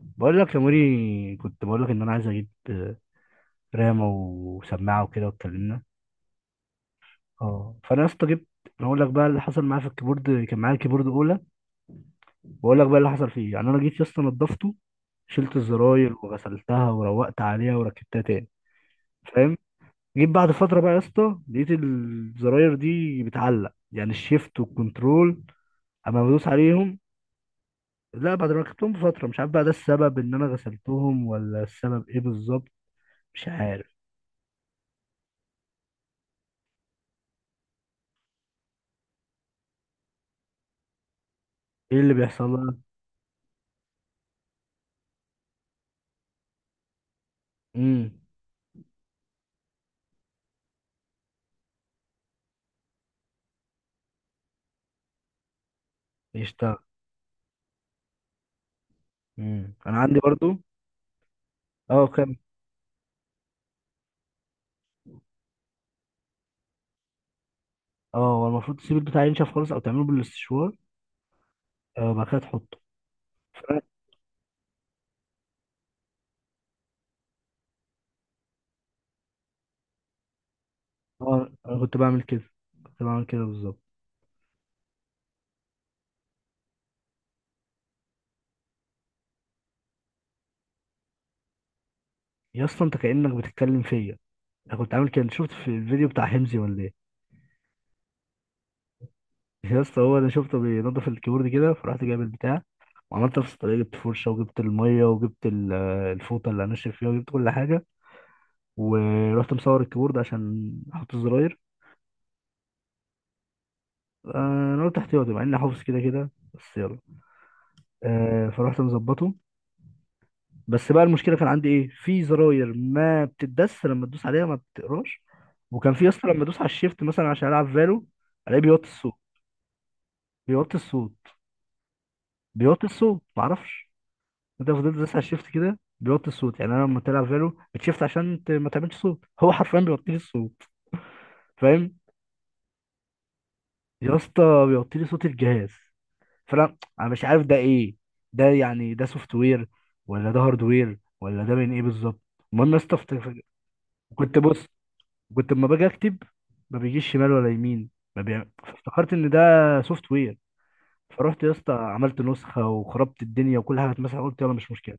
بقول لك يا موري، كنت بقول لك ان انا عايز اجيب رامه وسماعه وكده واتكلمنا. اه فانا يا اسطى جبت. أنا اقول لك بقى اللي حصل معايا في الكيبورد، كان معايا كيبورد اولى، واقول لك بقى اللي حصل فيه يعني. انا جيت يا اسطى نضفته، شلت الزراير وغسلتها وروقت عليها وركبتها تاني. فاهم؟ جيت بعد فتره بقى يا اسطى لقيت الزراير دي بتعلق، يعني الشيفت والكنترول اما بدوس عليهم. لا، بعد ما ركبتهم بفتره. مش عارف بقى ده السبب ان انا غسلتهم، ولا السبب ايه بالظبط. مش عارف. ايه اللي بيحصل؟ امم يشتغل. انا عندي برضو. اه كم. اه، هو المفروض تسيب البتاع ينشف خالص، او تعمله بالاستشوار. وبعد كده تحطه. فأنا- اه، انا كنت بعمل كده، كنت بعمل كده بالظبط. يا اسطى انت كأنك بتتكلم فيا. انا كنت عامل كده. أنت شفت في الفيديو بتاع حمزي ولا ايه؟ يا اسطى، هو انا شفته بينضف الكيبورد كده، فرحت جايب البتاع وعملت نفس الطريقه. جبت فرشه وجبت الميه وجبت الفوطه اللي هنشف فيها وجبت كل حاجه. ورحت مصور الكيبورد عشان احط الزراير. انا قلت احتياطي، مع اني حافظ كده كده، بس يلا. فرحت مظبطه. بس بقى المشكله كان عندي ايه، في زراير ما بتدس، لما تدوس عليها ما بتقراش. وكان في اصلا، لما ادوس على الشيفت مثلا عشان العب فالو، الاقيه بيوطي الصوت. بيوطي الصوت. بيوطي الصوت، معرفش. انت لو فضلت تدوس على الشيفت كده بيوطي الصوت، يعني انا لما تلعب فالو بتشيفت عشان ما تعملش صوت، هو حرفيا بيوطي لي الصوت. فاهم؟ يا اسطى بيوطي لي صوت الجهاز. فانا مش عارف ده ايه. ده يعني ده سوفت وير، ولا ده هارد وير، ولا ده من ايه بالظبط؟ المهم يا اسطى، كنت بص، كنت لما باجي اكتب ما بيجيش شمال ولا يمين، ما بيع... فافتكرت ان ده سوفت وير. فرحت يا اسطى عملت نسخه وخربت الدنيا وكل حاجه اتمسحت، قلت يلا مش مشكله.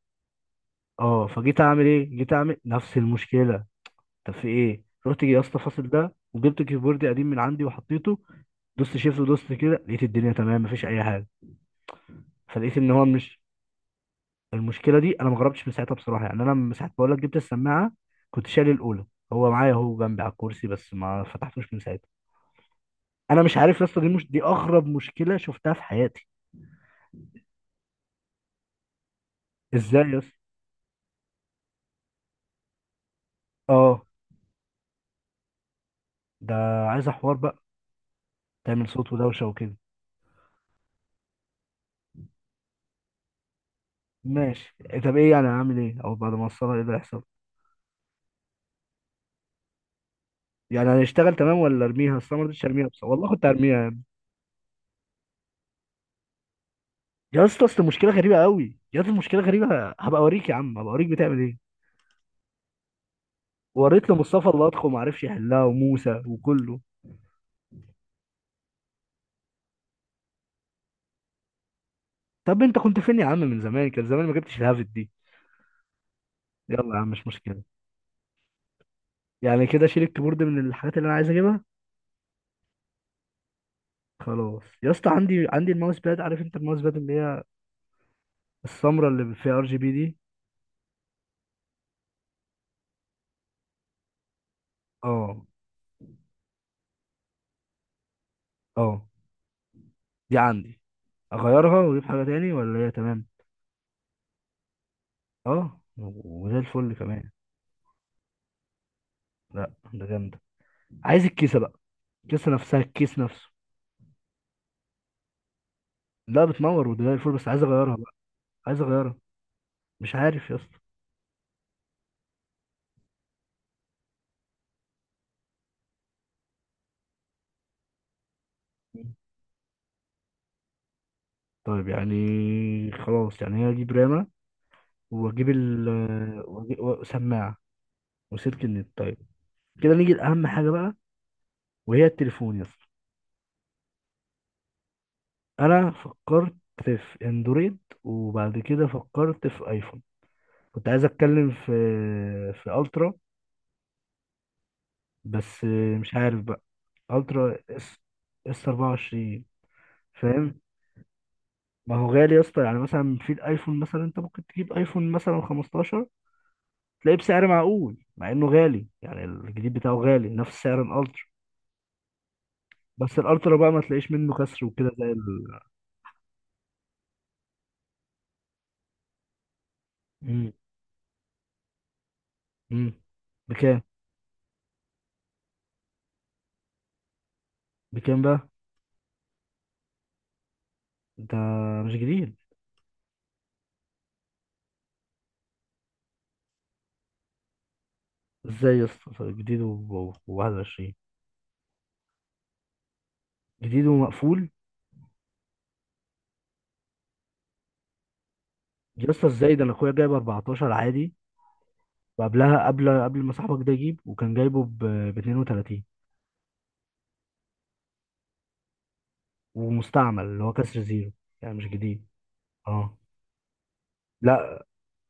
اه، فجيت اعمل ايه، جيت اعمل نفس المشكله. طب في ايه، رحت جي يا اسطى فاصل ده وجبت كيبوردي قديم من عندي وحطيته، دوست شيفت ودوست كده، لقيت الدنيا تمام، مفيش اي حاجه. فلقيت ان هو مش. المشكله دي انا ما جربتش من ساعتها بصراحه، يعني انا من ساعه ما بقول لك جبت السماعه كنت شايل الاولى. هو معايا اهو جنبي على الكرسي، بس ما فتحتوش من ساعتها. انا مش عارف يا اسطى، دي مش دي اغرب مشكله شفتها في حياتي. ازاي يا اسطى؟ اه. ده عايز حوار بقى، تعمل صوت ودوشه وكده. ماشي. طب ايه يعني هعمل ايه، او بعد ما اوصلها ايه اللي هيحصل؟ يعني هنشتغل تمام ولا ارميها؟ اصل أنا ما رضيتش ارميها، بس والله كنت هرميها يا ابني. يا اسطى اصل المشكله غريبه قوي، يا اسطى المشكله غريبه. هبقى اوريك يا عم، هبقى اوريك بتعمل ايه. وريت لمصطفى الله ادخل ما عرفش يحلها، وموسى وكله. طب انت كنت فين يا عم من زمان؟ كان زمان ما جبتش الهافت دي. يلا يا عم مش مشكله. يعني كده شيل الكيبورد من الحاجات اللي انا عايز اجيبها. خلاص يا اسطى. عندي الماوس باد. عارف انت الماوس باد اللي هي السمرة اللي فيها ار جي بي دي. اه، اه. دي عندي، اغيرها واجيب حاجة تاني ولا هي تمام؟ اه وزي الفل كمان. لا، ده جامدة. عايز الكيسة بقى، الكيسة نفسها، الكيس نفسه. لا بتنور وده زي الفل، بس عايز اغيرها بقى. عايز اغيرها. مش عارف يا اسطى. طيب يعني خلاص، يعني هي اجيب رامة، واجيب ال، وسماعة، وسلك النت. طيب كده نيجي لأهم حاجة بقى، وهي التليفون يا اسطى. انا فكرت في اندرويد، وبعد كده فكرت في ايفون. كنت عايز اتكلم في في الترا، بس مش عارف بقى. الترا اس، اس 24. فاهم؟ ما هو غالي يا اسطى، يعني مثلا في الايفون مثلا انت ممكن تجيب ايفون مثلا 15، تلاقيه بسعر معقول مع انه غالي، يعني الجديد بتاعه غالي نفس سعر الالترا. بس الالترا بقى ما تلاقيش منه كسر وكده زي ال. مم. مم. بكام؟ بكام بقى؟ ده مش جديد. ازاي يا اسطى؟ طيب، جديد و21؟ جديد ومقفول؟ يا اسطى ازاي، ده انا اخويا جايب 14 عادي، وقبلها، قبل ما صاحبك ده يجيب، وكان جايبه ب 32، ومستعمل اللي هو كسر زيرو، يعني مش جديد. اه، لا.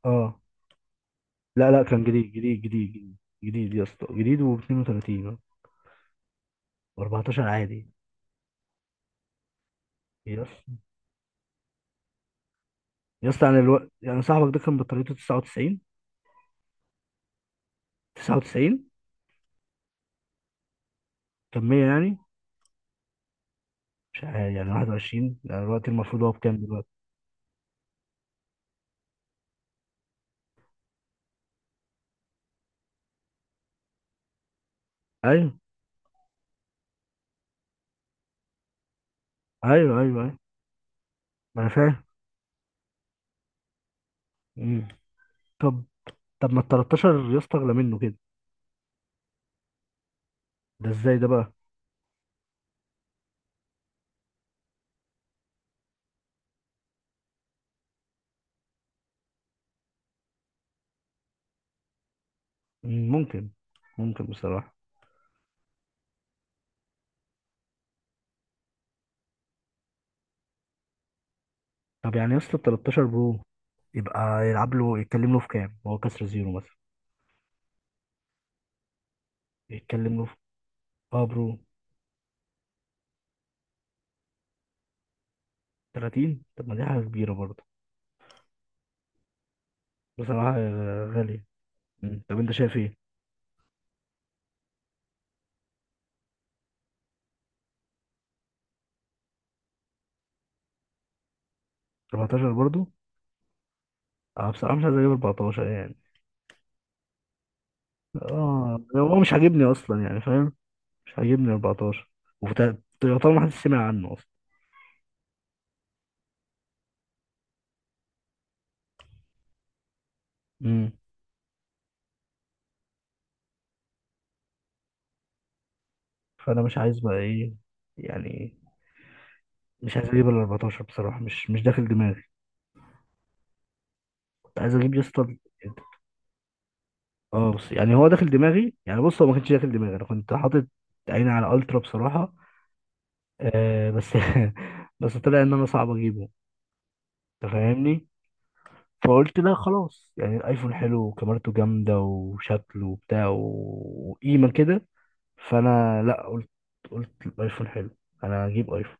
اه، لا لا، كان جديد جديد جديد جديد. جديد يا اسطى، جديد و 32، و14 عادي. يا اسطى، يا اسطى، انا الوقت يعني صاحبك ده كان بطاريته 99؟ 99؟ كان 100 يعني؟ مش عارف يعني 21، يعني الوقت المفروض هو بكام دلوقتي؟ ايوه، ايوه، ايوه، أيوه. ما انا فاهم. امم طب، طب ما ال 13 يا اسطى اغلى منه كده، ده ازاي ده بقى؟ ممكن. ممكن بصراحه. طب يعني يا اسطى ال 13 برو يبقى يلعب له، يتكلم له في كام، هو كسر زيرو مثلا؟ يتكلم له في. اه برو. 30؟ طب ما دي حاجه كبيره برضه. بصراحه غاليه. طب انت شايف ايه؟ 14 برضه؟ اه بصراحه مش عايز اجيب 14 يعني. اه هو مش عاجبني اصلا، يعني فاهم، مش عاجبني 14. وطبعا ما حدش سمع عنه اصلا. امم فانا مش عايز بقى ايه يعني، مش عايز اجيب ال 14 بصراحه، مش داخل دماغي. كنت عايز اجيب يا اسطى. اه بس يعني هو داخل دماغي يعني. بص، هو ما كانش داخل دماغي، انا كنت حاطط عيني على الترا بصراحه. آه بس. بس طلع ان انا صعب اجيبه. انت فاهمني؟ فقلت لا خلاص، يعني الايفون حلو، وكاميرته جامده، وشكله وبتاع، وقيمه كده. فانا لا قلت، قلت الايفون حلو، انا هجيب ايفون.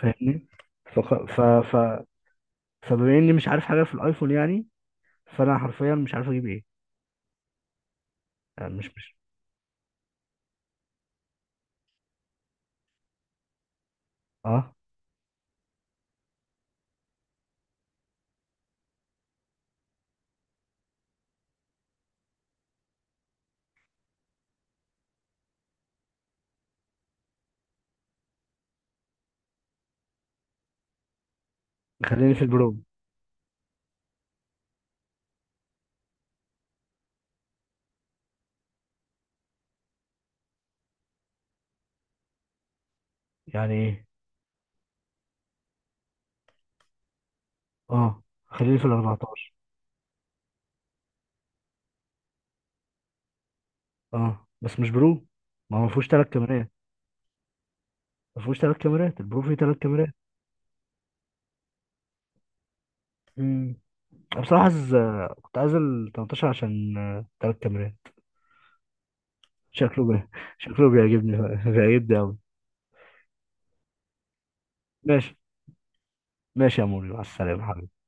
فاهمني؟ فق... ف... ف... فبما اني مش عارف حاجه في الايفون يعني، فانا حرفيا مش عارف اجيب ايه. آه، مش مش اه خليني في البرو. يعني ايه؟ اه خليني في ال 14. اه بس مش برو. ما هو ما فيهوش ثلاث كاميرات. ما فيهوش ثلاث كاميرات، البرو فيه ثلاث كاميرات. امم. أنا بصراحه عايز، كنت عايز ال 18 عشان ثلاث كاميرات، شكله بي... شكله بيعجبني. بيعجبني قوي. ماشي. ماشي يا موري، مع السلامه حبيبي.